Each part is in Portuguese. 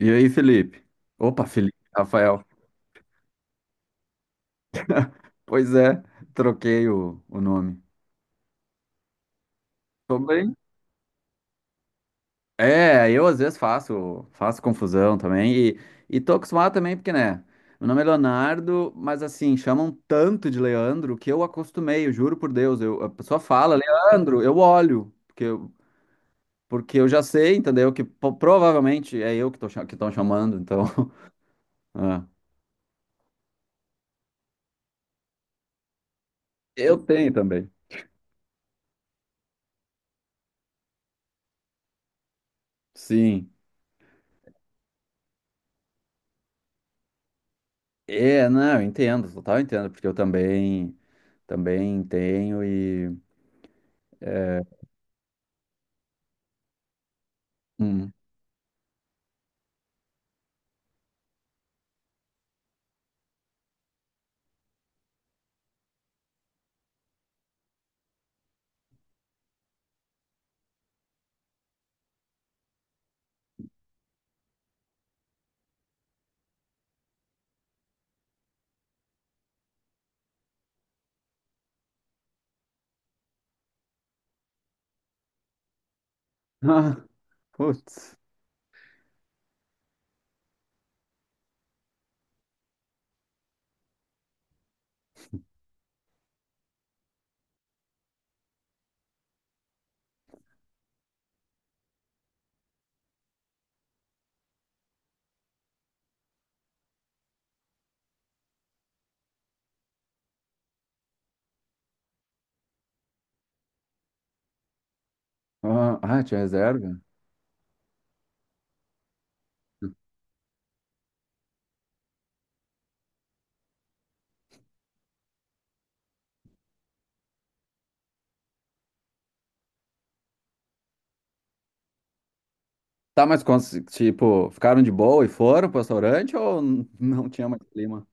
E aí, Felipe? Opa, Felipe, Rafael. Pois é, troquei o nome. Tô bem. Eu às vezes faço confusão também e tô acostumado também porque, né, meu nome é Leonardo, mas assim, chamam tanto de Leandro que eu acostumei, eu juro por Deus, a pessoa fala, Leandro, eu olho, porque eu já sei, entendeu, que provavelmente é eu que que estão chamando, então, é. Eu tenho também. Sim. É, não, eu entendo, total entendo, porque eu também. Também tenho e. Hum. Ah, putz. Ah, tinha reserva? Tá, mas tipo, ficaram de boa e foram pro restaurante ou não tinha mais clima?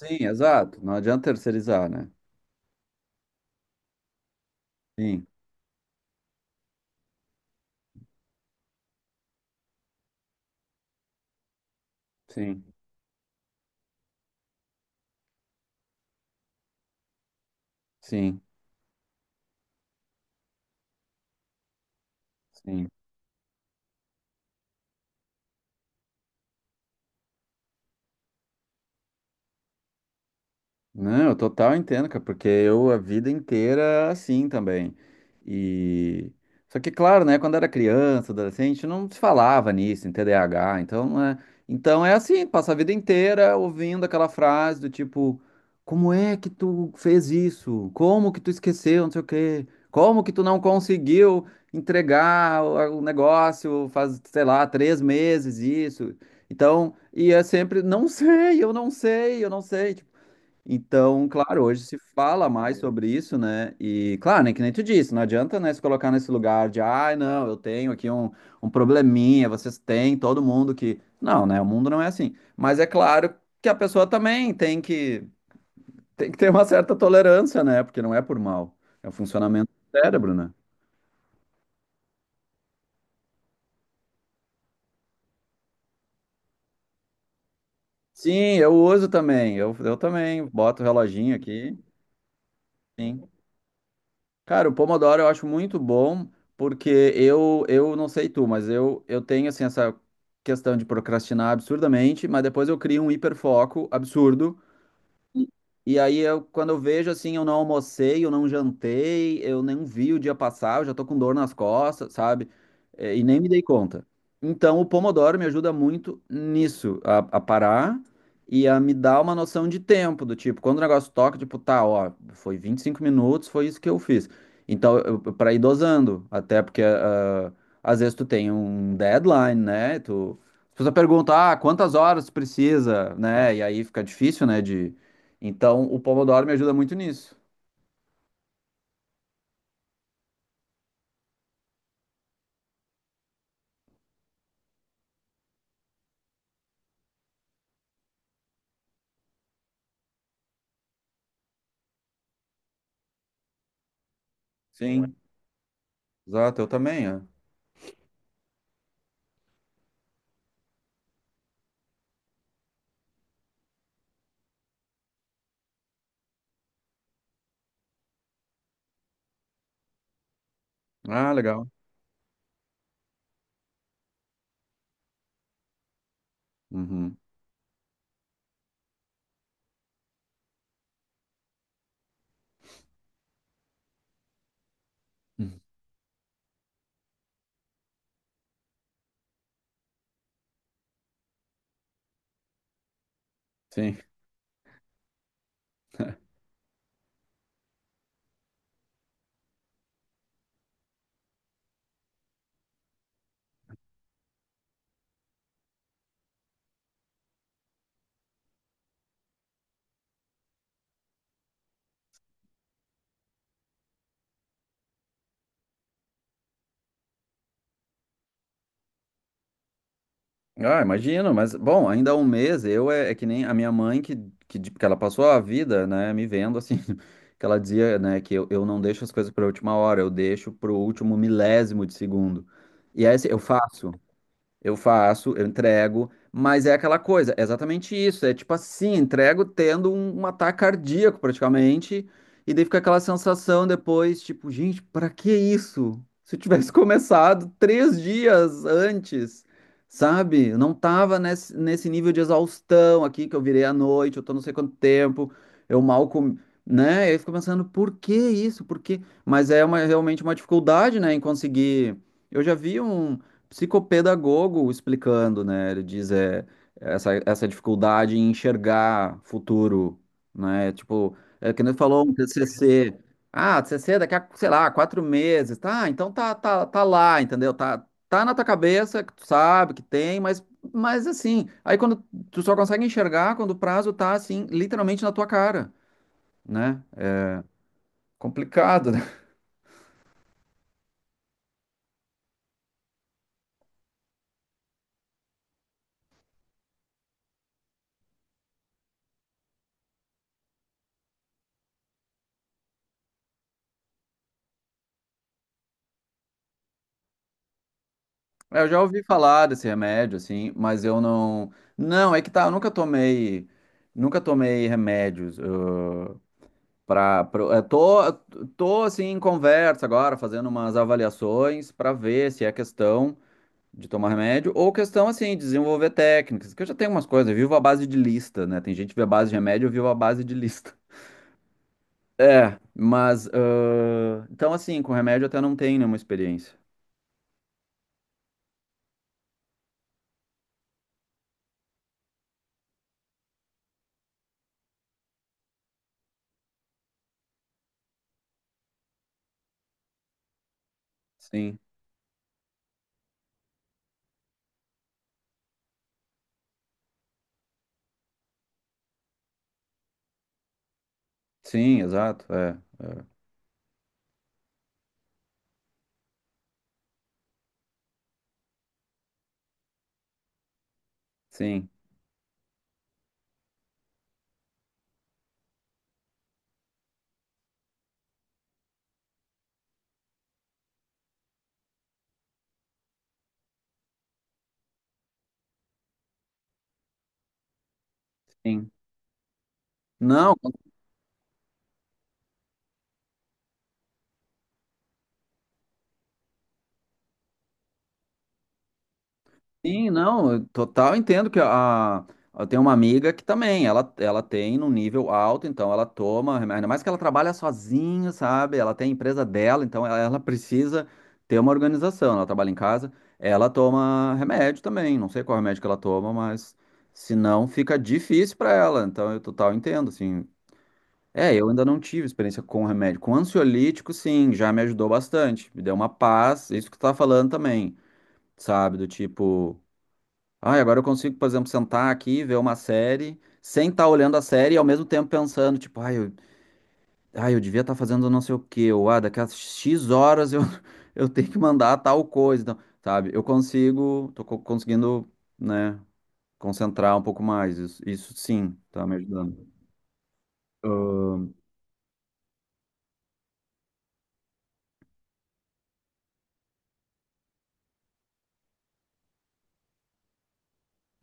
Sim, exato. Não adianta terceirizar, né? Sim, sim, sim, sim. Não, eu total entendo, cara, porque eu a vida inteira assim também. E só que claro, né, quando era criança, adolescente, não se falava nisso, em TDAH, então não é, então é assim, passa a vida inteira ouvindo aquela frase do tipo, como é que tu fez isso? Como que tu esqueceu, não sei o quê? Como que tu não conseguiu entregar o negócio faz, sei lá, três meses isso? Então, e é sempre, não sei, eu não sei. Tipo, então, claro, hoje se fala mais sobre isso, né? E, claro, né, que nem tu disse, não adianta, né, se colocar nesse lugar de, ai, não, eu tenho aqui um, um probleminha, vocês têm, todo mundo que. Não, né? O mundo não é assim. Mas é claro que a pessoa também tem que ter uma certa tolerância, né? Porque não é por mal. É o funcionamento do cérebro, né? Sim, eu uso também. Eu também boto o reloginho aqui. Sim. Cara, o Pomodoro eu acho muito bom, porque eu não sei tu, mas eu tenho assim essa questão de procrastinar absurdamente, mas depois eu crio um hiperfoco absurdo e aí, quando eu vejo assim, eu não almocei, eu não jantei, eu nem vi o dia passar, eu já tô com dor nas costas, sabe? É, e nem me dei conta. Então, o Pomodoro me ajuda muito nisso, a parar e a me dar uma noção de tempo, do tipo, quando o negócio toca, tipo, tá, ó, foi 25 minutos, foi isso que eu fiz. Então, pra ir dosando, até porque às vezes tu tem um deadline, né? Tu, as pessoas perguntam, ah, quantas horas tu precisa, né? E aí fica difícil, né, então, o Pomodoro me ajuda muito nisso. Sim, exato, eu também. É. Ah, legal. Uhum. Sim. Ah, imagino, mas bom, ainda há um mês, é que nem a minha mãe que ela passou a vida, né, me vendo assim, que ela dizia, né, que eu não deixo as coisas para última hora, eu deixo para o último milésimo de segundo. E aí assim, eu faço, eu entrego, mas é aquela coisa, é exatamente isso. É tipo assim, entrego tendo um, um ataque cardíaco praticamente, e daí fica aquela sensação depois, tipo, gente, pra que isso? Se eu tivesse começado três dias antes, sabe? Eu não tava nesse nível de exaustão aqui que eu virei à noite, eu tô não sei quanto tempo, eu mal comi, né? Eu fico pensando, por que isso? Por que? Mas é uma, realmente uma dificuldade, né, em conseguir. Eu já vi um psicopedagogo explicando, né? Ele diz é, essa dificuldade em enxergar futuro, né? Tipo, é que nem tu falou um TCC. Ah, TCC daqui a, sei lá, quatro meses. Tá, então tá, tá lá, entendeu? Tá, tá na tua cabeça, que tu sabe que tem, mas assim, aí quando tu só consegue enxergar quando o prazo tá assim, literalmente na tua cara, né? É complicado, né? É, eu já ouvi falar desse remédio, assim, mas eu não. Não, é que tá, eu nunca tomei. Nunca tomei remédios. Eu, eu tô, tô, assim, em conversa agora, fazendo umas avaliações para ver se é questão de tomar remédio ou questão, assim, de desenvolver técnicas, que eu já tenho umas coisas. Eu vivo à base de lista, né? Tem gente que vive à base de remédio, eu vivo à base de lista. É, mas. Então, assim, com remédio eu até não tenho nenhuma experiência. Sim, sim, exato, é, sim. Sim. Não, sim, não, eu total entendo que a, eu tenho uma amiga que também, ela tem num nível alto, então ela toma, remédio, ainda mais que ela trabalha sozinha, sabe? Ela tem a empresa dela, então ela precisa ter uma organização, ela trabalha em casa, ela toma remédio também, não sei qual remédio que ela toma, mas se não fica difícil para ela, então eu total entendo, assim. É, eu ainda não tive experiência com remédio, com ansiolítico, sim, já me ajudou bastante, me deu uma paz, isso que tu tá falando também, sabe? Do tipo ah, agora eu consigo, por exemplo, sentar aqui, ver uma série, sem estar olhando a série e ao mesmo tempo pensando, tipo, ai, eu devia estar fazendo não sei o quê, ou ah, daqui a X horas eu, eu tenho que mandar tal coisa, então, sabe? Eu consigo, conseguindo, né, concentrar um pouco mais, isso sim, tá me ajudando. Ahn,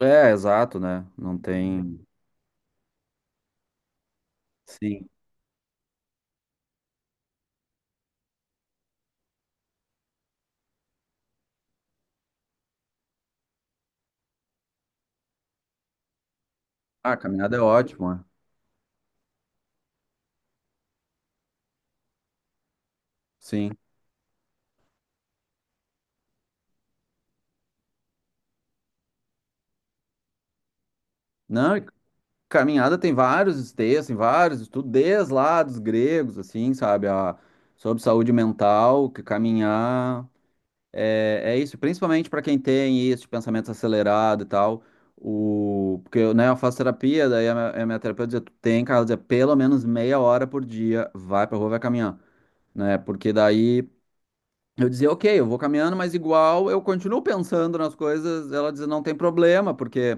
é, exato, né? Não tem. Sim. Ah, caminhada é ótimo, é. Sim. Não, e caminhada tem vários textos, tem vários estudos, desde lá dos gregos, assim, sabe? A, sobre saúde mental, que caminhar é, é isso, principalmente para quem tem isso, de pensamento acelerado e tal. O, porque eu, né, eu faço terapia, daí a a minha terapeuta dizia, tu tem, cara, ela dizia, pelo menos meia hora por dia, vai pra rua, vai caminhar, né? Porque daí eu dizia, ok, eu vou caminhando, mas igual eu continuo pensando nas coisas. Ela dizia, não tem problema, porque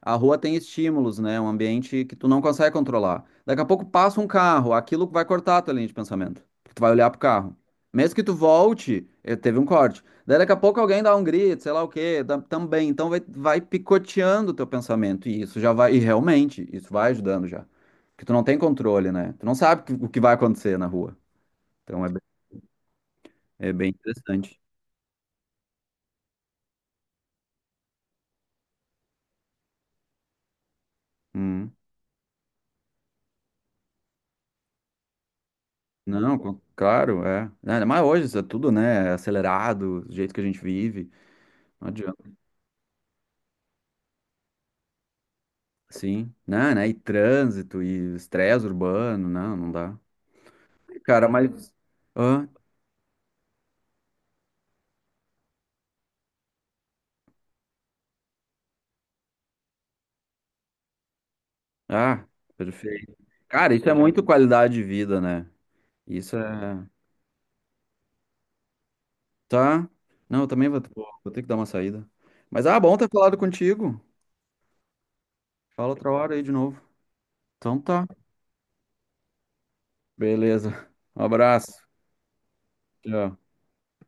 a rua tem estímulos, né? É um ambiente que tu não consegue controlar. Daqui a pouco passa um carro, aquilo vai cortar a tua linha de pensamento. Porque tu vai olhar pro carro. Mesmo que tu volte, teve um corte. Daí daqui a pouco alguém dá um grito, sei lá o quê, também. Então vai picoteando o teu pensamento. E isso já vai, e realmente, isso vai ajudando já. Porque tu não tem controle, né? Tu não sabe o que vai acontecer na rua. Então é, é bem interessante. Hum. Não, claro, é. Não, ainda mais hoje, isso é tudo, né? Acelerado, do jeito que a gente vive. Não adianta. Sim, né, né? E trânsito, e estresse urbano, não, não dá. Cara, mas. Hã? Ah, perfeito. Cara, isso é muito qualidade de vida, né? Isso é. Tá? Não, eu também vou, vou ter que dar uma saída. Mas, ah, bom ter falado contigo. Fala outra hora aí de novo. Então tá. Beleza. Um abraço. Tchau.